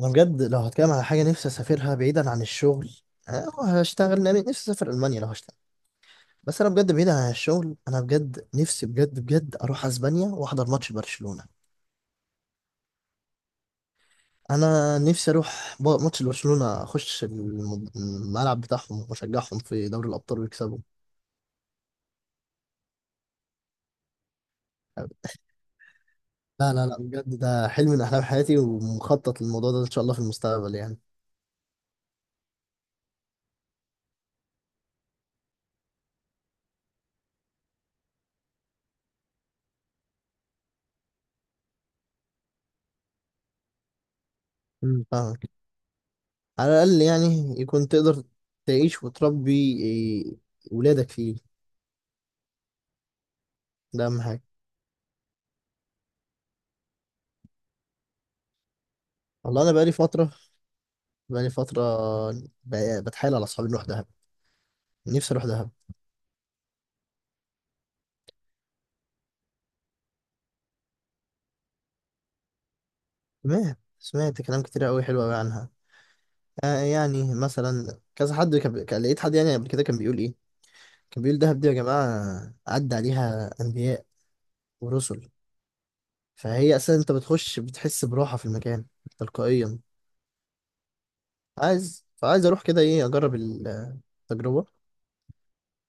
انا بجد لو هتكلم على حاجه نفسي اسافرها بعيدا عن الشغل. أه، هشتغل لأن نفسي اسافر المانيا لو هشتغل. بس انا بجد بعيدا عن الشغل، انا بجد نفسي بجد بجد اروح اسبانيا واحضر ماتش برشلونه. انا نفسي اروح ماتش برشلونه، اخش الملعب بتاعهم واشجعهم في دوري الابطال ويكسبوا. لا لا لا، بجد ده حلم من احلام حياتي ومخطط للموضوع ده ان شاء الله في المستقبل يعني. مم. فاهمك. على الاقل يعني يكون تقدر تعيش وتربي، إيه، ولادك فيه. ده اهم حاجه. والله انا بقالي فتره، بقالي فتره بتحايل على اصحابي نروح دهب. نفسي اروح دهب. تمام، سمعت كلام كتير قوي حلو قوي عنها. آه يعني مثلا كذا حد لقيت حد يعني قبل كده كان بيقول ايه، كان بيقول دهب دي يا جماعه عدى عليها انبياء ورسل. فهي اساسا انت بتخش بتحس براحه في المكان تلقائيا. فعايز اروح كده، ايه، اجرب التجربه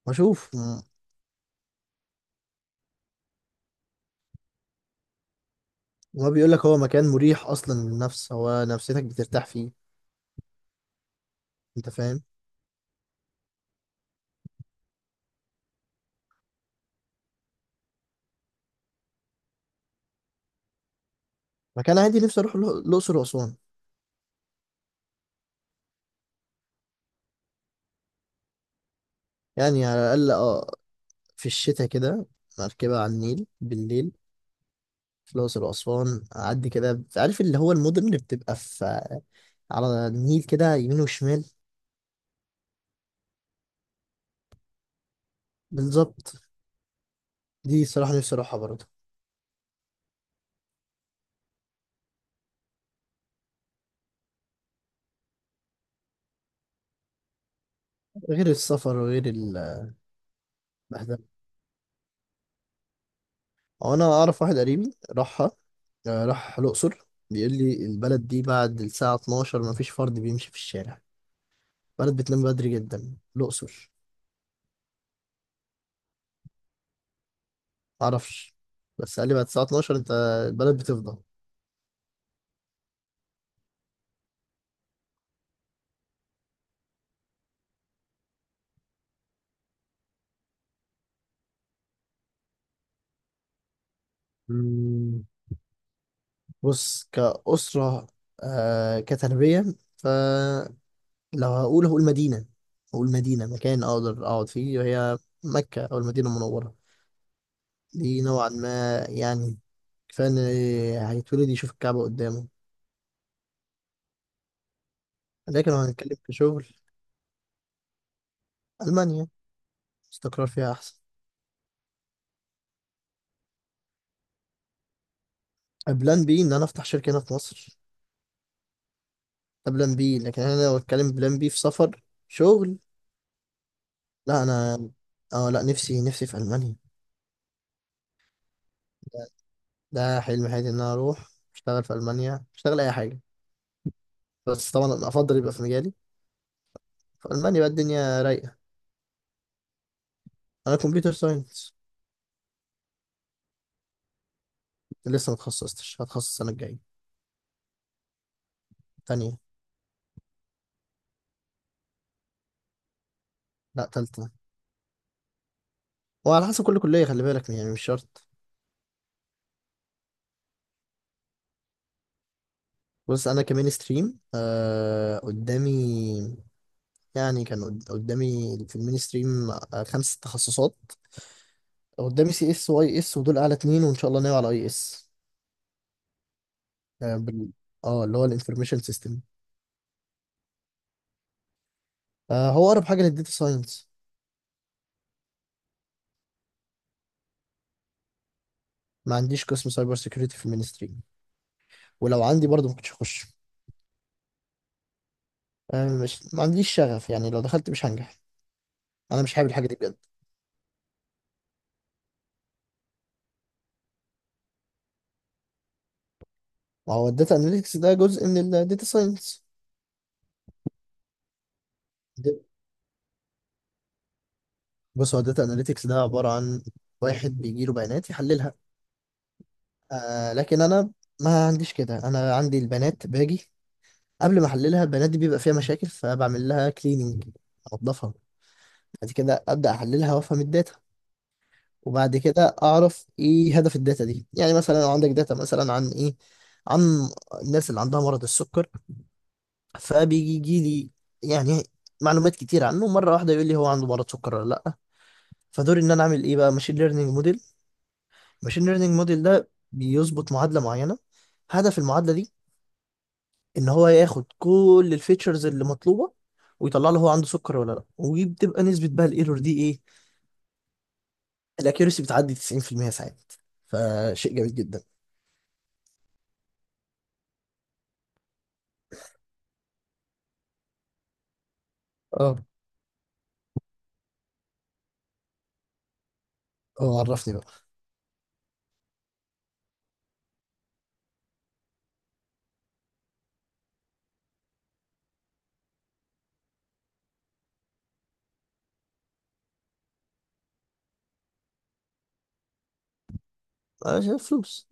واشوف وما بيقول لك هو مكان مريح اصلا للنفس، هو نفسيتك بترتاح فيه، انت فاهم. مكان عادي نفسي اروح الاقصر واسوان. يعني على الأقل اه، في الشتاء كده، مركبة على النيل بالليل في الأقصر وأسوان، أعدي كده، عارف اللي هو المدن اللي بتبقى في على النيل كده يمين وشمال. بالظبط. دي صراحة نفسي أروحها برضه. غير السفر وغير البهدلة. هو أنا أعرف واحد قريبي راحها. آه، راح الأقصر بيقول لي البلد دي بعد الساعة 12 مفيش فرد بيمشي في الشارع. البلد بتنام بدري جدا الأقصر. معرفش، بس قال لي بعد الساعة 12 أنت البلد بتفضى. بص كأسرة، آه كتربية، فلو هقول هقول مدينة هقول مدينة مكان أقدر أقعد فيه وهي مكة أو المدينة المنورة. دي نوعا ما يعني كفاية إن هيتولد يشوف الكعبة قدامه. لكن لو هنتكلم في شغل، ألمانيا استقرار فيها أحسن. بلان بي إن أنا أفتح شركة هنا في مصر، ده بلان بي. لكن أنا لو أتكلم بلان بي في سفر شغل، لا أنا، أه لا، نفسي في ألمانيا. ده حلم حياتي ان انا اروح اشتغل في المانيا، اشتغل اي حاجه، بس طبعا أنا افضل يبقى في مجالي. في المانيا بقى الدنيا رايقه. انا كمبيوتر ساينس. لسه ما اتخصصتش، هتخصص السنه الجايه. تانية. لا تالتة. وعلى حسب كل كليه، خلي بالك يعني، مش شرط. بص انا كمين ستريم آه قدامي، يعني كان قدامي في المين ستريم آه خمس تخصصات قدامي، سي اس واي اس، ودول اعلى اتنين، وان شاء الله ناوي على اي اس. اه، آه، اللي هو الانفورميشن سيستم. آه هو اقرب حاجه للديتا ساينس. ما عنديش قسم سايبر سيكيورتي في المينستري، ولو عندي برضه ما كنتش هخش. أه، مش ما عنديش شغف يعني، لو دخلت مش هنجح. انا مش حابب الحاجه دي بجد. ما هو الداتا اناليتكس ده جزء من الداتا ساينس. بص هو الداتا اناليتكس ده عباره عن واحد بيجي له بيانات يحللها. آه لكن انا ما عنديش كده، انا عندي البيانات باجي، قبل ما احللها البيانات دي بيبقى فيها مشاكل فبعمل لها كليننج، انضفها. بعد كده ابدا احللها وافهم الداتا. وبعد كده اعرف ايه هدف الداتا دي، يعني مثلا لو عندك داتا مثلا عن ايه، عن الناس اللي عندها مرض السكر، فبيجي يجي لي يعني معلومات كتير عنه مره واحده، يقول لي هو عنده مرض سكر ولا لا. فدوري ان انا اعمل ايه بقى ماشين ليرنينج موديل. ماشين ليرنينج موديل ده بيظبط معادله معينه، هدف المعادله دي ان هو ياخد كل الفيتشرز اللي مطلوبه ويطلع له هو عنده سكر ولا لا، وبتبقى نسبه بقى الايرور دي ايه. الاكيورسي بتعدي 90% ساعات، فشيء جميل جدا. اه. اه، عرفني بقى. أنا شايف فلوس.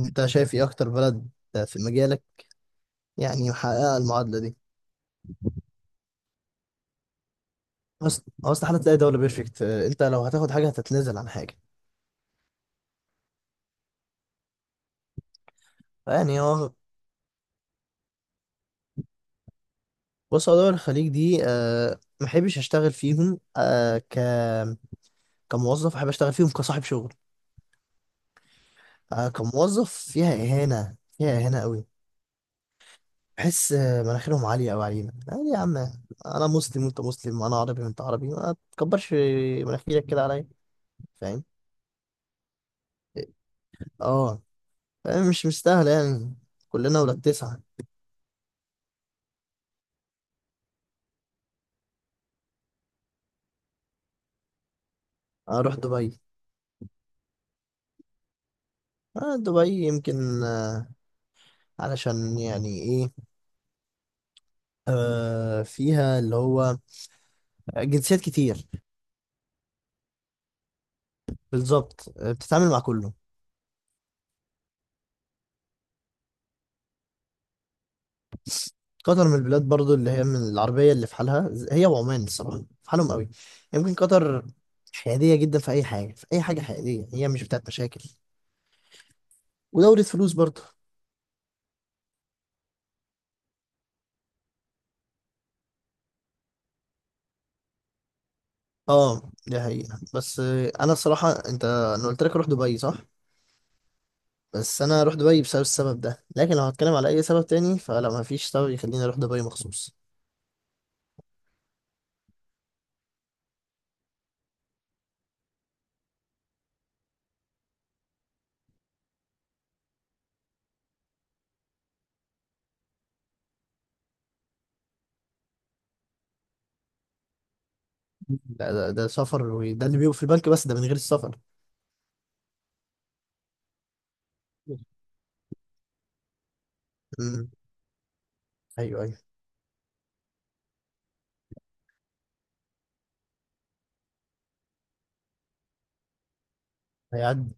أنت شايف إيه أكتر بلد في مجالك يعني محققة المعادلة دي. أصل حالة تلاقي دولة بيرفكت، أنت لو هتاخد حاجة هتتنازل عن حاجة يعني. هو بص، هو دول الخليج دي أه محبش أشتغل فيهم، أه كموظف، أحب أشتغل فيهم كصاحب شغل. أه كموظف فيها إهانة، فيها إهانة قوي. بحس آه، مناخيرهم عالية أوي علينا، يعني يا عم أنا مسلم وأنت مسلم، أنا عربي وأنت عربي، ما تكبرش مناخيرك كده عليا. فاهم. اه. آه، مش مستاهلة يعني، كلنا ولاد تسعة. أروح دبي. آه دبي يمكن آه، علشان يعني إيه، آه فيها اللي هو جنسيات كتير. بالظبط آه، بتتعامل مع كله. قطر من البلاد برضو اللي هي من العربية اللي في حالها، هي وعمان الصراحة في حالهم قوي. يمكن قطر حيادية جدا في أي حاجة، في أي حاجة حيادية، هي مش بتاعت مشاكل. ودورة فلوس برضو. اه دي حقيقة، بس آه، أنا الصراحة أنت أنا قلت لك أروح دبي، صح؟ بس انا اروح دبي بسبب السبب ده، لكن لو هتكلم على اي سبب تاني فلا، ما فيش سبب يخليني اروح دبي مخصوص. ده سفر، وده اللي بيبقى في البنك بس، ده من غير السفر. امم. ايوه ايوه. هيعدي.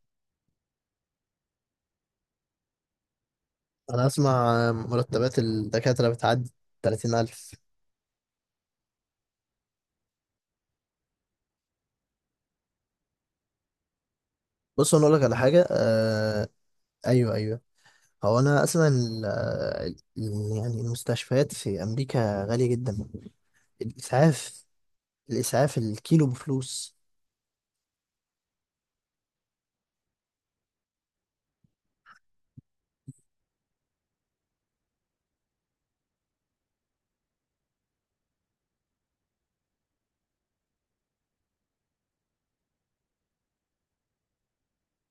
انا اسمع مرتبات الدكاتره بتعدي 30,000. بص انا اقول لك على حاجه آه. ايوه ايوه. هو انا اسمع ان يعني المستشفيات في امريكا غاليه جدا. الاسعاف، الاسعاف الكيلو بفلوس.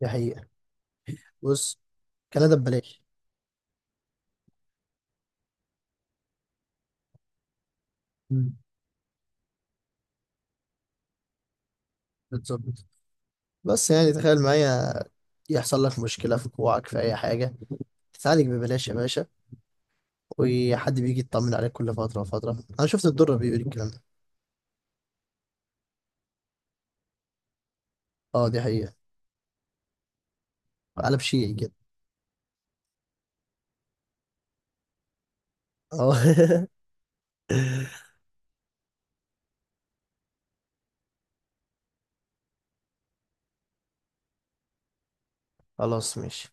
دي حقيقه. بص كندا ببلاش. مم. بالظبط. بس يعني تخيل معايا يحصل لك مشكلة في كوعك في أي حاجة، تتعالج ببلاش يا باشا. وحد بيجي يطمن عليك كل فترة وفترة، أنا شفت الدرة بيقول الكلام ده. أه دي حقيقة. قلب شيعي كده. أه. خلاص ماشي.